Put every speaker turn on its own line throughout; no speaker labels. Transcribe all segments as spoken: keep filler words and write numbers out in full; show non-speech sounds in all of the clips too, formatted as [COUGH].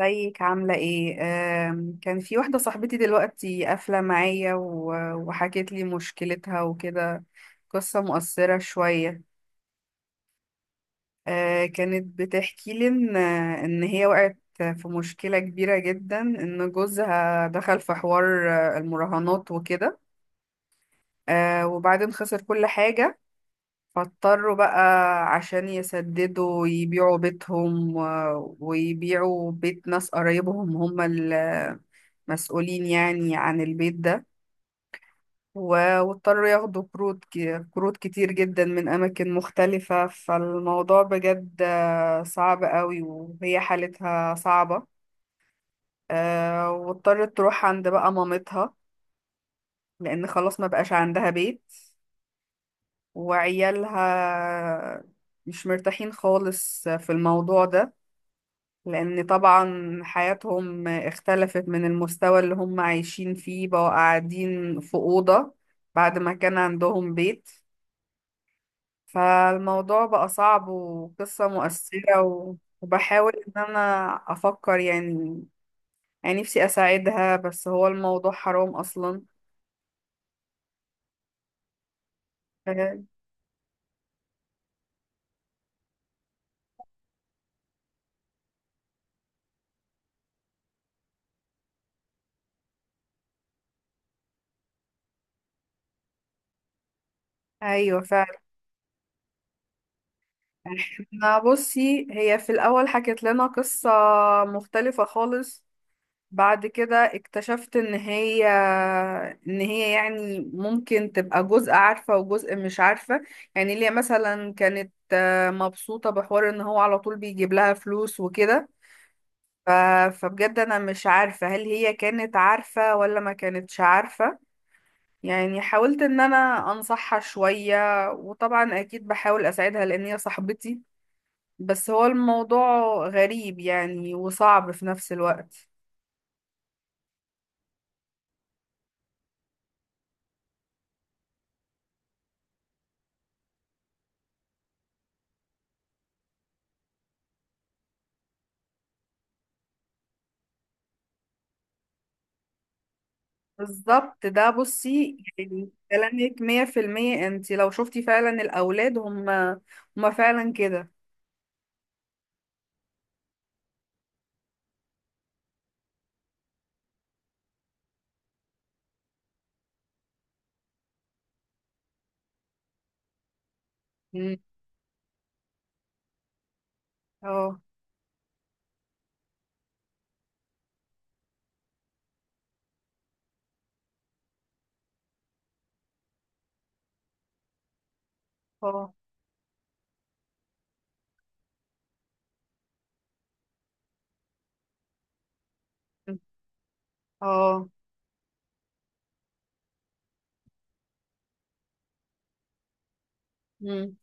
ازيك عاملة ايه؟ آم، كان في واحدة صاحبتي دلوقتي قافلة معايا و- وحكت لي مشكلتها وكده. قصة مؤثرة شوية. آه، كانت بتحكي لي ان ان هي وقعت في مشكلة كبيرة جدا، ان جوزها دخل في حوار آه، المراهنات وكده. آه، وبعدين خسر كل حاجة، فاضطروا بقى عشان يسددوا يبيعوا بيتهم و- ويبيعوا بيت ناس قرايبهم، هم مسؤولين يعني عن البيت ده. و- واضطروا ياخدوا كروت ك- كروت كتير جدا من أماكن مختلفة. فالموضوع بجد آه، صعب قوي وهي حالتها صعبة. آه، واضطرت تروح عند بقى مامتها لأن خلاص ما بقاش عندها بيت، وعيالها مش مرتاحين خالص في الموضوع ده، لأن طبعا حياتهم اختلفت، من المستوى اللي هم عايشين فيه بقوا قاعدين في أوضة بعد ما كان عندهم بيت. فالموضوع بقى صعب وقصة مؤثرة و- وبحاول إن أنا أفكر، يعني يعني نفسي أساعدها، بس هو الموضوع حرام أصلا. ف- أيوة فعلا. احنا بصي هي في الأول حكت لنا قصة مختلفة خالص، بعد كده اكتشفت ان هي ان هي يعني ممكن تبقى جزء عارفة وجزء مش عارفة، يعني اللي هي مثلا كانت مبسوطة بحوار ان هو على طول بيجيب لها فلوس وكده. ف... فبجد انا مش عارفة هل هي كانت عارفة ولا ما كانتش عارفة، يعني حاولت ان انا انصحها شوية، وطبعا اكيد بحاول اساعدها لان هي صاحبتي، بس هو الموضوع غريب يعني وصعب في نفس الوقت. بالظبط ده. بصي يعني كلامك مية في المية، انت لو شفتي فعلا الأولاد هم هم فعلا كده. مم. اه اه اه. مم.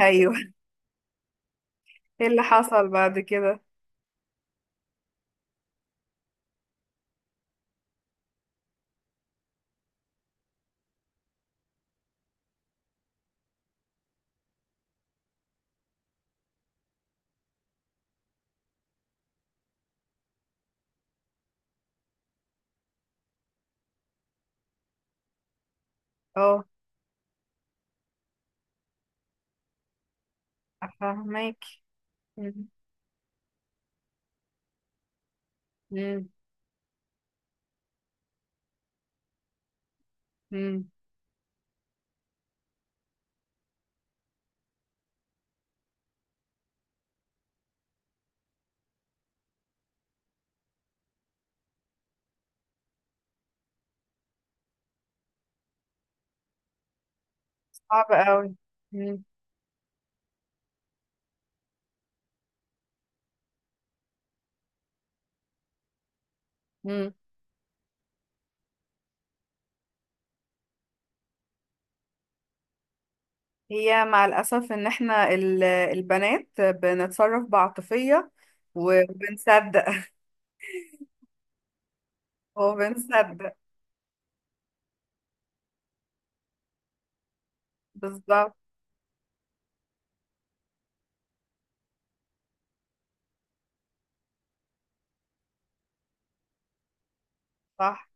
ايوه. [LAUGHS] ايه اللي حصل بعد كده؟ اه، فاهمك. مم. مم. مم. صعب قوي. مم. مم. هي مع الأسف إن إحنا ال- البنات بنتصرف بعاطفية، وبنصدق. [LAUGHS] وبنصدق. بالظبط صح.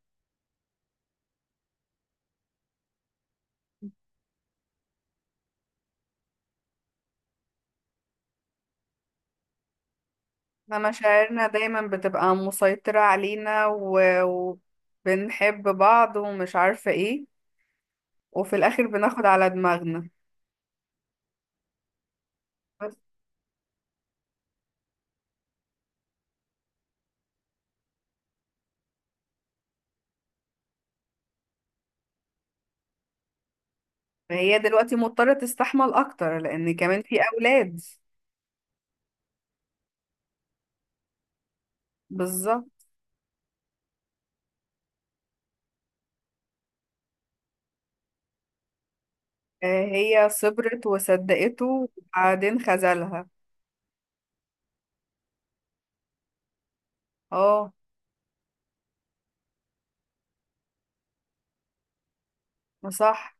إن مشاعرنا دايما بتبقى مسيطرة علينا و... وبنحب بعض ومش عارفة ايه، وفي الآخر بناخد على دماغنا. بس. فهي دلوقتي مضطرة تستحمل أكتر لأن كمان في أولاد. بالظبط. آه، هي صبرت وصدقته وبعدين خذلها. اه صح.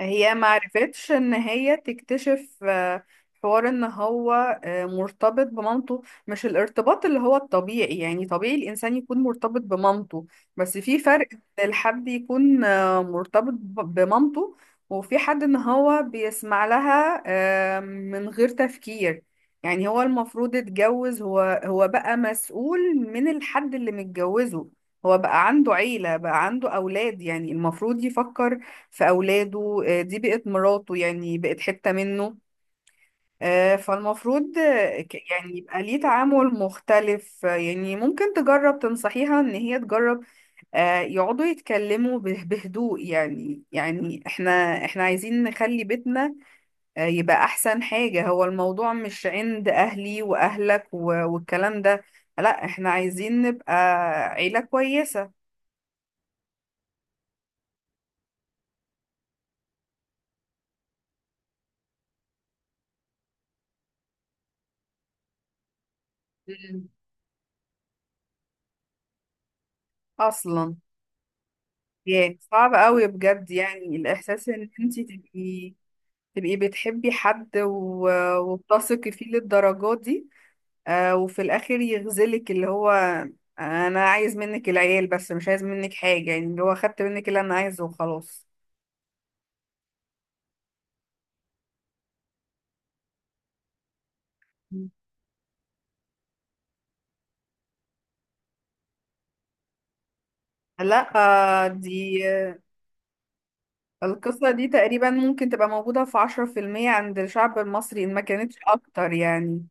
هي معرفتش ان هي تكتشف آه، حوار ان هو آه، مرتبط بمامته، مش الارتباط اللي هو الطبيعي، يعني طبيعي الانسان يكون مرتبط بمامته، بس في فرق ان الحد يكون آه، مرتبط ب- بمامته، وفي حد ان هو بيسمع لها آه، من غير تفكير. يعني هو المفروض اتجوز، هو هو بقى مسؤول من الحد اللي متجوزه، هو بقى عنده عيلة، بقى عنده أولاد، يعني المفروض يفكر في أولاده، آه، دي بقت مراته يعني بقت حتة منه. آه، فالمفروض آه، ك- يعني يبقى ليه تعامل مختلف. آه، يعني ممكن تجرب تنصحيها إن هي تجرب آه، يقعدوا يتكلموا به- بهدوء يعني يعني احنا احنا عايزين نخلي بيتنا آه، يبقى أحسن حاجة، هو الموضوع مش عند أهلي وأهلك و- والكلام ده، لا احنا عايزين نبقى عيلة كويسة. مم. أصلا. ياه صعب قوي بجد، يعني الإحساس إن أنتي تبقي، تبقي بتحبي حد و... وبتثقي فيه للدرجات دي، آه وفي الآخر يغزلك اللي هو أنا عايز منك العيال بس مش عايز منك حاجة، يعني اللي هو خدت منك اللي أنا عايزه وخلاص. مم. لا. آه، دي آه، القصة دي تقريبا ممكن تبقى موجودة في عشرة في المية عند الشعب المصري، إن ما كانتش أكتر يعني.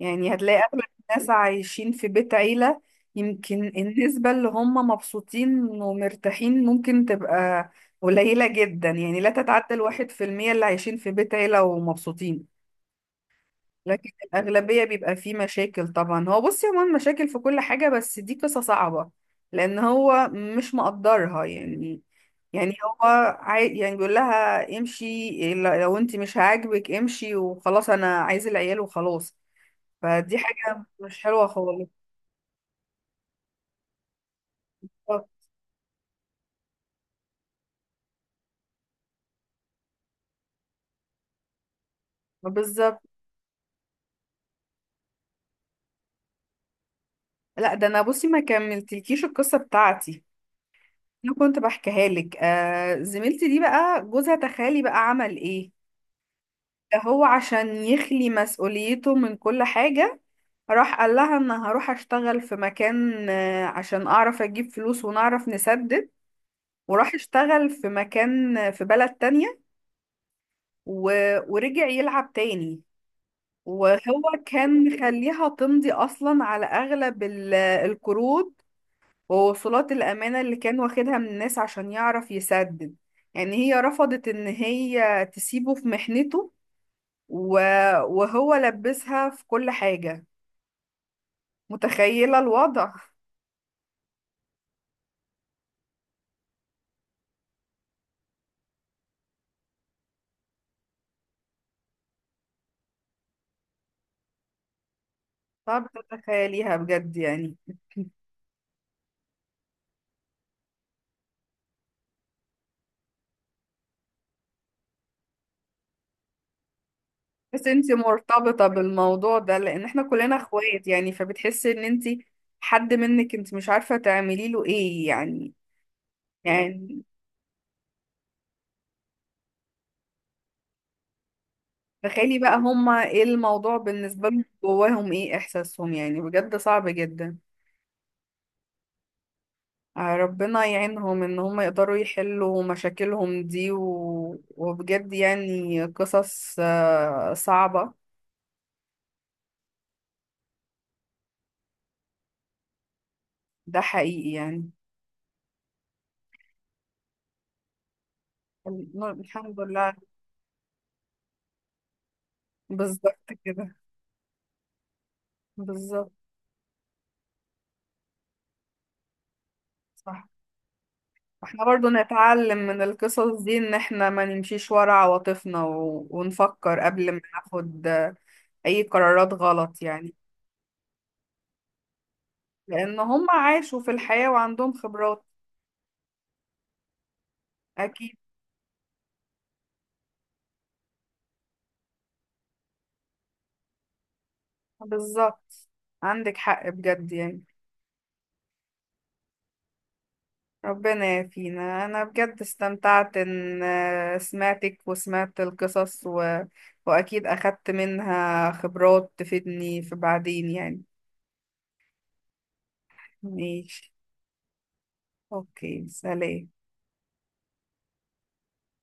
يعني هتلاقي أغلب الناس عايشين في بيت عيلة. يمكن النسبة اللي هم مبسوطين ومرتاحين ممكن تبقى قليلة جدا، يعني لا تتعدى الواحد في المية اللي عايشين في بيت عيلة ومبسوطين. لكن الأغلبية بيبقى فيه مشاكل. طبعا هو بص يا مان، مشاكل في كل حاجة، بس دي قصة صعبة لأن هو مش مقدرها يعني يعني هو عاي... يعني بيقول لها امشي، لو انت مش عاجبك امشي وخلاص، انا عايز العيال وخلاص. فدي حاجة مش حلوة خالص. آه، بالظبط. لا ده، انا بصي ما كملتلكيش القصة بتاعتي. انا كنت بحكيها لك، آه زميلتي دي بقى جوزها تخيلي بقى عمل ايه. ده هو عشان يخلي مسؤوليته من كل حاجة راح قال لها ان هروح اشتغل في مكان، آه، عشان اعرف اجيب فلوس ونعرف نسدد، وراح اشتغل في مكان، آه، في بلد تانية و... ورجع يلعب تاني. وهو كان مخليها تمضي اصلا على اغلب ال- القروض ووصولات الامانه اللي كان واخدها من الناس عشان يعرف يسدد. يعني هي رفضت ان هي تسيبه في محنته، و- وهو لبسها في كل حاجه. متخيله الوضع؟ صعب تتخيليها بجد يعني. [LAUGHS] بس انتي مرتبطه بالموضوع ده لان احنا كلنا اخوات، يعني فبتحسي ان انتي حد منك، انت مش عارفه تعملي له ايه يعني يعني تخيلي بقى هما ايه الموضوع بالنسبة لهم، جواهم ايه احساسهم؟ يعني بجد صعب جدا. آه، ربنا يعينهم ان هما يقدروا يحلوا مشاكلهم دي و... وبجد يعني قصص آه، صعبة. ده حقيقي يعني. الحمد لله. بالظبط كده. بالظبط صح. احنا برضو نتعلم من القصص دي، ان احنا ما نمشيش ورا عواطفنا و... ونفكر قبل ما ناخد آه، اي قرارات غلط يعني، لأن هم عاشوا في الحياة وعندهم خبرات. أكيد. بالظبط. عندك حق بجد يعني. ربنا يعافينا. أنا بجد استمتعت إن آه، سمعتك وسمعت القصص و... وأكيد أخدت منها خبرات تفيدني في بعدين يعني. ماشي. أوكي سلام.